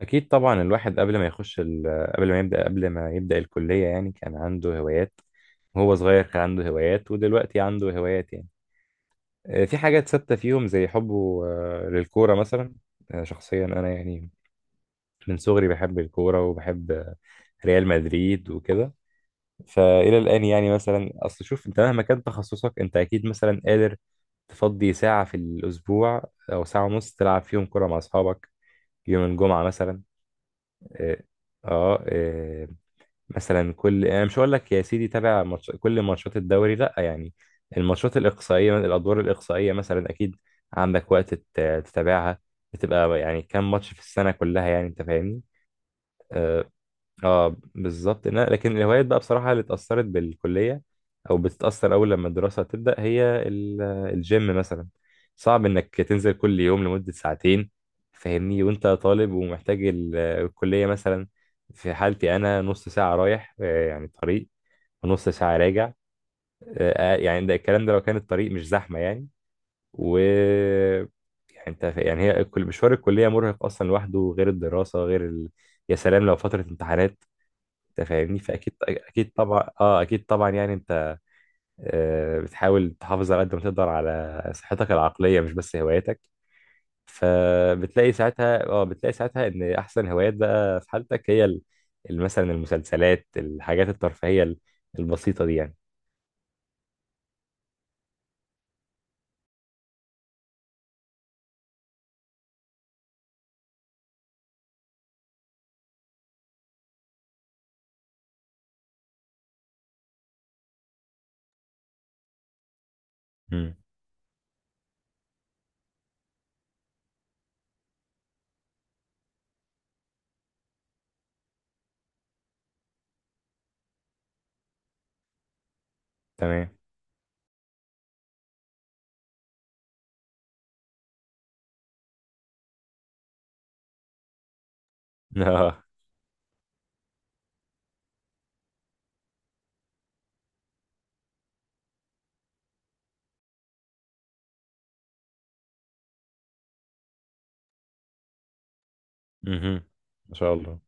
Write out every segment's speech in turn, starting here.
أكيد طبعا الواحد قبل ما يبدأ قبل ما يبدأ الكلية يعني كان عنده هوايات، وهو صغير كان عنده هوايات ودلوقتي عنده هوايات يعني. في حاجات ثابتة فيهم زي حبه للكورة مثلا. شخصيا أنا يعني من صغري بحب الكورة وبحب ريال مدريد وكده. فإلى الآن يعني مثلا أصل شوف أنت مهما كان تخصصك أنت أكيد مثلا قادر تفضي ساعة في الأسبوع أو ساعة ونص تلعب فيهم كورة مع أصحابك يوم الجمعة مثلا. اه. آه، مثلا كل، انا مش هقول لك يا سيدي كل ماتشات الدوري لا يعني، الماتشات الاقصائيه الادوار الاقصائيه مثلا اكيد عندك وقت تتابعها. بتبقى يعني كام ماتش في السنه كلها يعني انت فاهمني. آه، اه بالظبط. لكن الهوايات بقى بصراحة اللي اتأثرت بالكلية أو بتتأثر أول لما الدراسة تبدأ هي الجيم مثلا. صعب إنك تنزل كل يوم لمدة ساعتين، فاهمني، وأنت طالب ومحتاج الكلية مثلا. في حالتي أنا نص ساعة رايح، يعني طريق، ونص ساعة راجع. يعني ده الكلام ده لو كان الطريق مش زحمة يعني. و يعني يعني هي مشوار الكلية مرهق أصلا لوحده، غير الدراسة غير ال... يا سلام لو فترة امتحانات، انت فاهمني. فاكيد اكيد طبعا اه اكيد طبعا يعني انت. بتحاول تحافظ على قد ما تقدر على صحتك العقليه، مش بس هواياتك. فبتلاقي ساعتها اه بتلاقي ساعتها ان احسن هوايات بقى في حالتك هي مثلا المسلسلات، الحاجات الترفيهيه البسيطه دي يعني. امم. تمام. اه. مهم. ما شاء الله.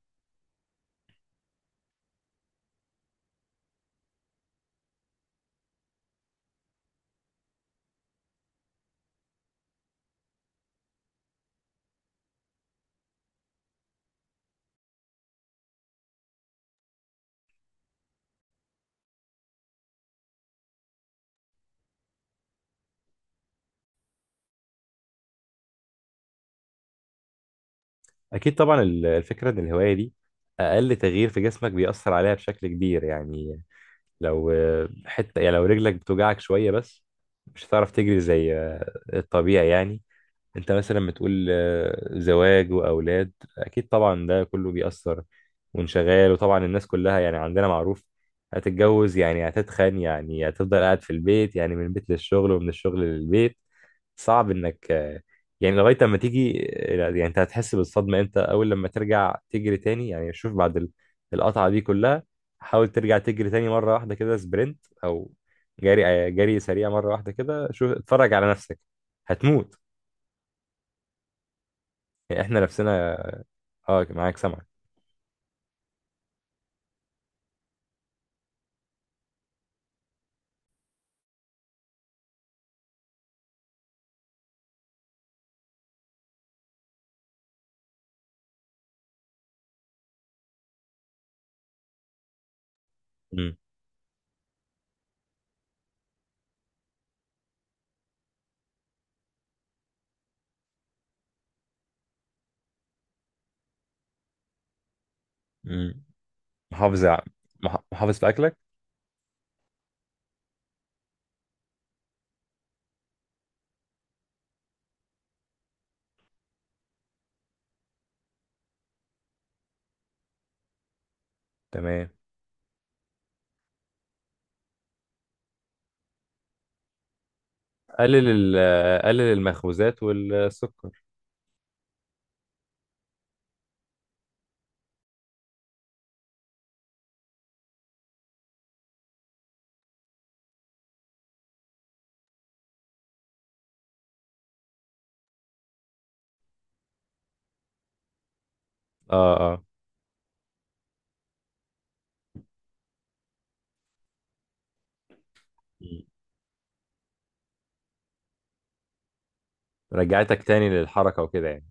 اكيد طبعا الفكره ان الهوايه دي اقل تغيير في جسمك بيأثر عليها بشكل كبير يعني. لو حتة يعني لو رجلك بتوجعك شوية بس، مش هتعرف تجري زي الطبيعي يعني. انت مثلا بتقول زواج وأولاد، أكيد طبعا ده كله بيأثر وانشغال. وطبعا الناس كلها يعني عندنا معروف، هتتجوز يعني هتتخن يعني هتفضل قاعد في البيت يعني، من البيت للشغل ومن الشغل للبيت. صعب انك يعني لغايه لما تيجي يعني. انت هتحس بالصدمه امتى؟ اول لما ترجع تجري تاني يعني. شوف بعد القطعه دي كلها، حاول ترجع تجري تاني مره واحده كده سبرنت او جري، جري سريع مره واحده كده، شوف اتفرج على نفسك. هتموت يعني. احنا نفسنا. اه معاك، سمعك. امم. امم. محافظ ع- محافظ في اكلك. تمام. قلل قلل المخبوزات والسكر. اه. اه. مم. رجعتك تاني للحركه وكده يعني.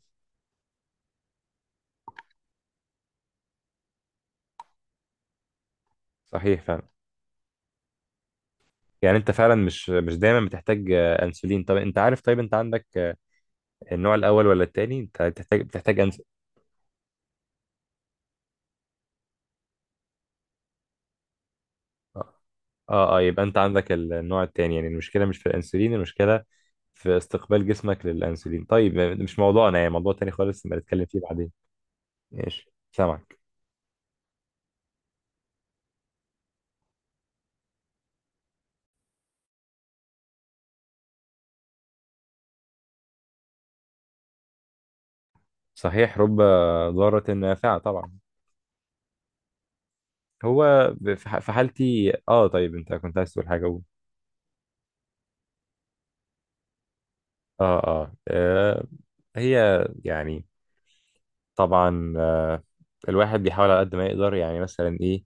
صحيح فعلا. يعني انت فعلا مش دايما بتحتاج انسولين. طب انت عارف، طيب انت عندك النوع الاول ولا التاني؟ انت بتحتاج، اه. اه يبقى انت عندك النوع التاني يعني. المشكله مش في الانسولين، المشكله في استقبال جسمك للانسولين. طيب مش موضوعنا، يعني موضوع تاني خالص، نبقى نتكلم فيه بعدين. ماشي سامعك. صحيح، رب ضارة نافعة طبعا. هو ب- في ح- في حالتي اه. طيب انت كنت عايز تقول حاجه، قول. اه اه هي يعني، طبعا الواحد بيحاول على قد ما يقدر يعني. مثلا ايه،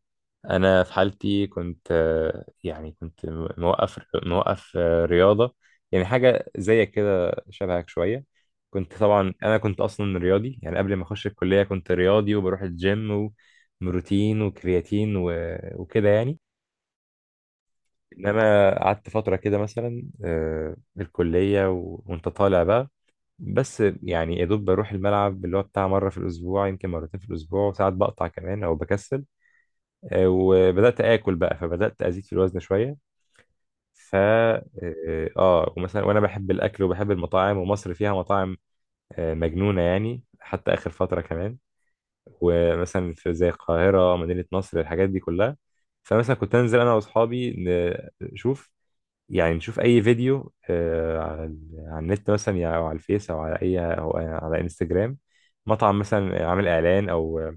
انا في حالتي كنت، يعني كنت موقف، موقف رياضه يعني. حاجه زيك كده، شبهك شويه. كنت طبعا انا كنت اصلا رياضي يعني، قبل ما اخش الكليه كنت رياضي وبروح الجيم وبروتين وكرياتين وكده يعني. انما قعدت فتره كده مثلا في الكليه، وانت طالع بقى، بس يعني يا دوب بروح الملعب اللي هو بتاع مرة في الأسبوع يمكن مرتين في الأسبوع، وساعات بقطع كمان أو بكسل. وبدأت آكل بقى، فبدأت أزيد في الوزن شوية. فا ومثلا وأنا بحب الأكل وبحب المطاعم، ومصر فيها مطاعم مجنونة يعني، حتى آخر فترة كمان. ومثلا في زي القاهرة، مدينة نصر، الحاجات دي كلها. فمثلا كنت أنزل أنا وأصحابي نشوف، يعني نشوف اي فيديو على على النت مثلا يعني، او على الفيس او على اي او على انستجرام، مطعم مثلا عامل اعلان او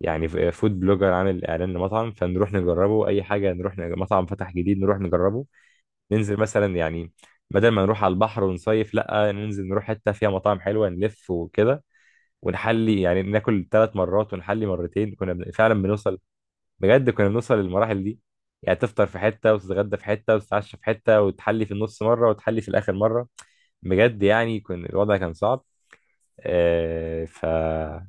يعني فود بلوجر عامل اعلان لمطعم، فنروح نجربه. اي حاجه نروح مطعم فتح جديد نروح نجربه. ننزل مثلا يعني بدل ما نروح على البحر ونصيف، لا ننزل نروح حته فيها مطاعم حلوه، نلف وكده ونحلي يعني. ناكل ثلاث مرات ونحلي مرتين، فعلا بنوصل، بجد كنا بنوصل للمراحل دي يعني. تفطر في حتة وتتغدى في حتة وتتعشى في حتة وتحلي في النص مرة وتحلي في الآخر مرة، بجد يعني كان الوضع كان صعب. آه ف اه.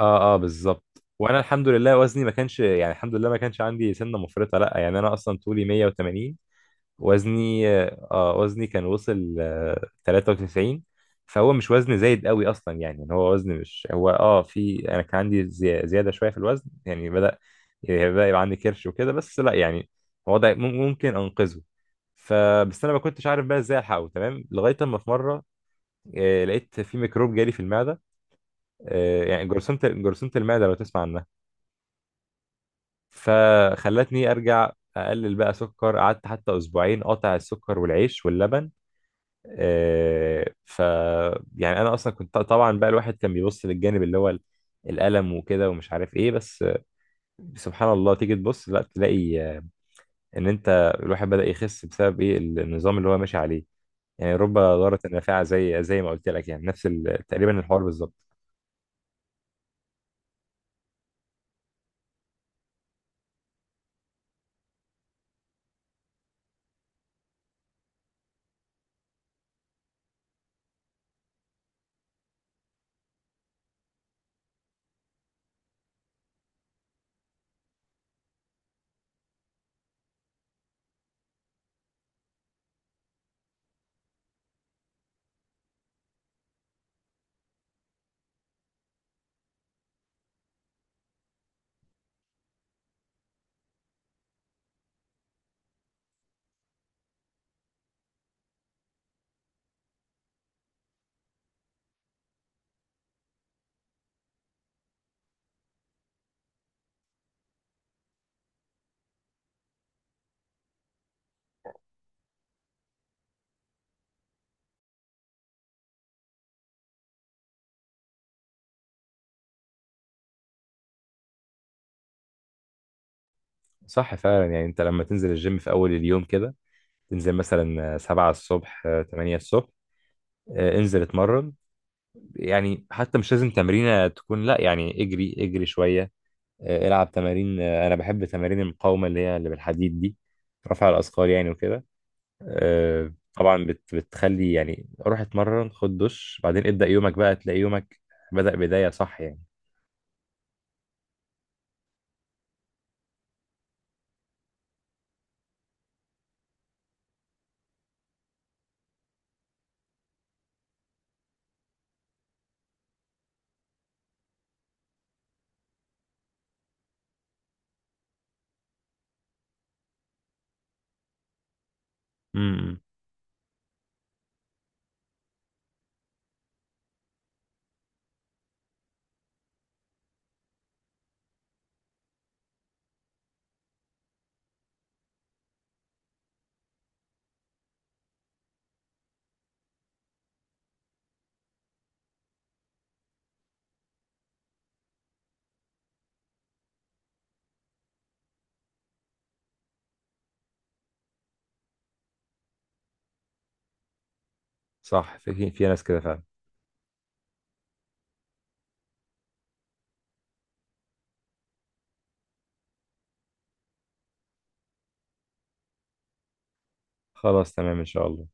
اه بالظبط. وانا الحمد لله وزني ما كانش يعني، الحمد لله ما كانش عندي سنة مفرطة لا يعني، انا اصلا طولي 180، وزني اه وزني كان وصل آه 93. فهو مش وزن زايد قوي اصلا يعني، ان هو وزن مش هو اه في، انا كان عندي زياده شويه في الوزن يعني. يعني بدأ يبقى عندي كرش وكده، بس لا يعني هو ده ممكن انقذه. فبس انا ما كنتش عارف بقى ازاي الحقه تمام، لغايه اما في مره لقيت في ميكروب جالي في المعده، يعني جرثومه، جرثومه المعده لو تسمع عنها. فخلتني ارجع اقلل بقى سكر، قعدت حتى اسبوعين قاطع السكر والعيش واللبن. ف يعني انا اصلا كنت طبعا بقى الواحد كان بيبص للجانب اللي هو الالم وكده ومش عارف ايه، بس سبحان الله تيجي تبص لا تلاقي ان انت الواحد بدأ يخس بسبب ايه، النظام اللي هو ماشي عليه. يعني رب ضارة نافعة زي ما قلت لك يعني، نفس تقريبا الحوار بالظبط. صح فعلا. يعني انت لما تنزل الجيم في اول اليوم كده، تنزل مثلا 7 الصبح 8 الصبح، انزل اتمرن يعني. حتى مش لازم تمرينة تكون، لا يعني اجري، شوية، العب تمارين. انا بحب تمارين المقاومه اللي هي اللي بالحديد دي، رفع الاثقال يعني وكده. طبعا بتخلي يعني، روح اتمرن خد دش بعدين ابدا يومك، بقى تلاقي يومك بدأ بدايه صح يعني. امم. صح في في ناس كده فعلا. خلاص تمام ان شاء الله.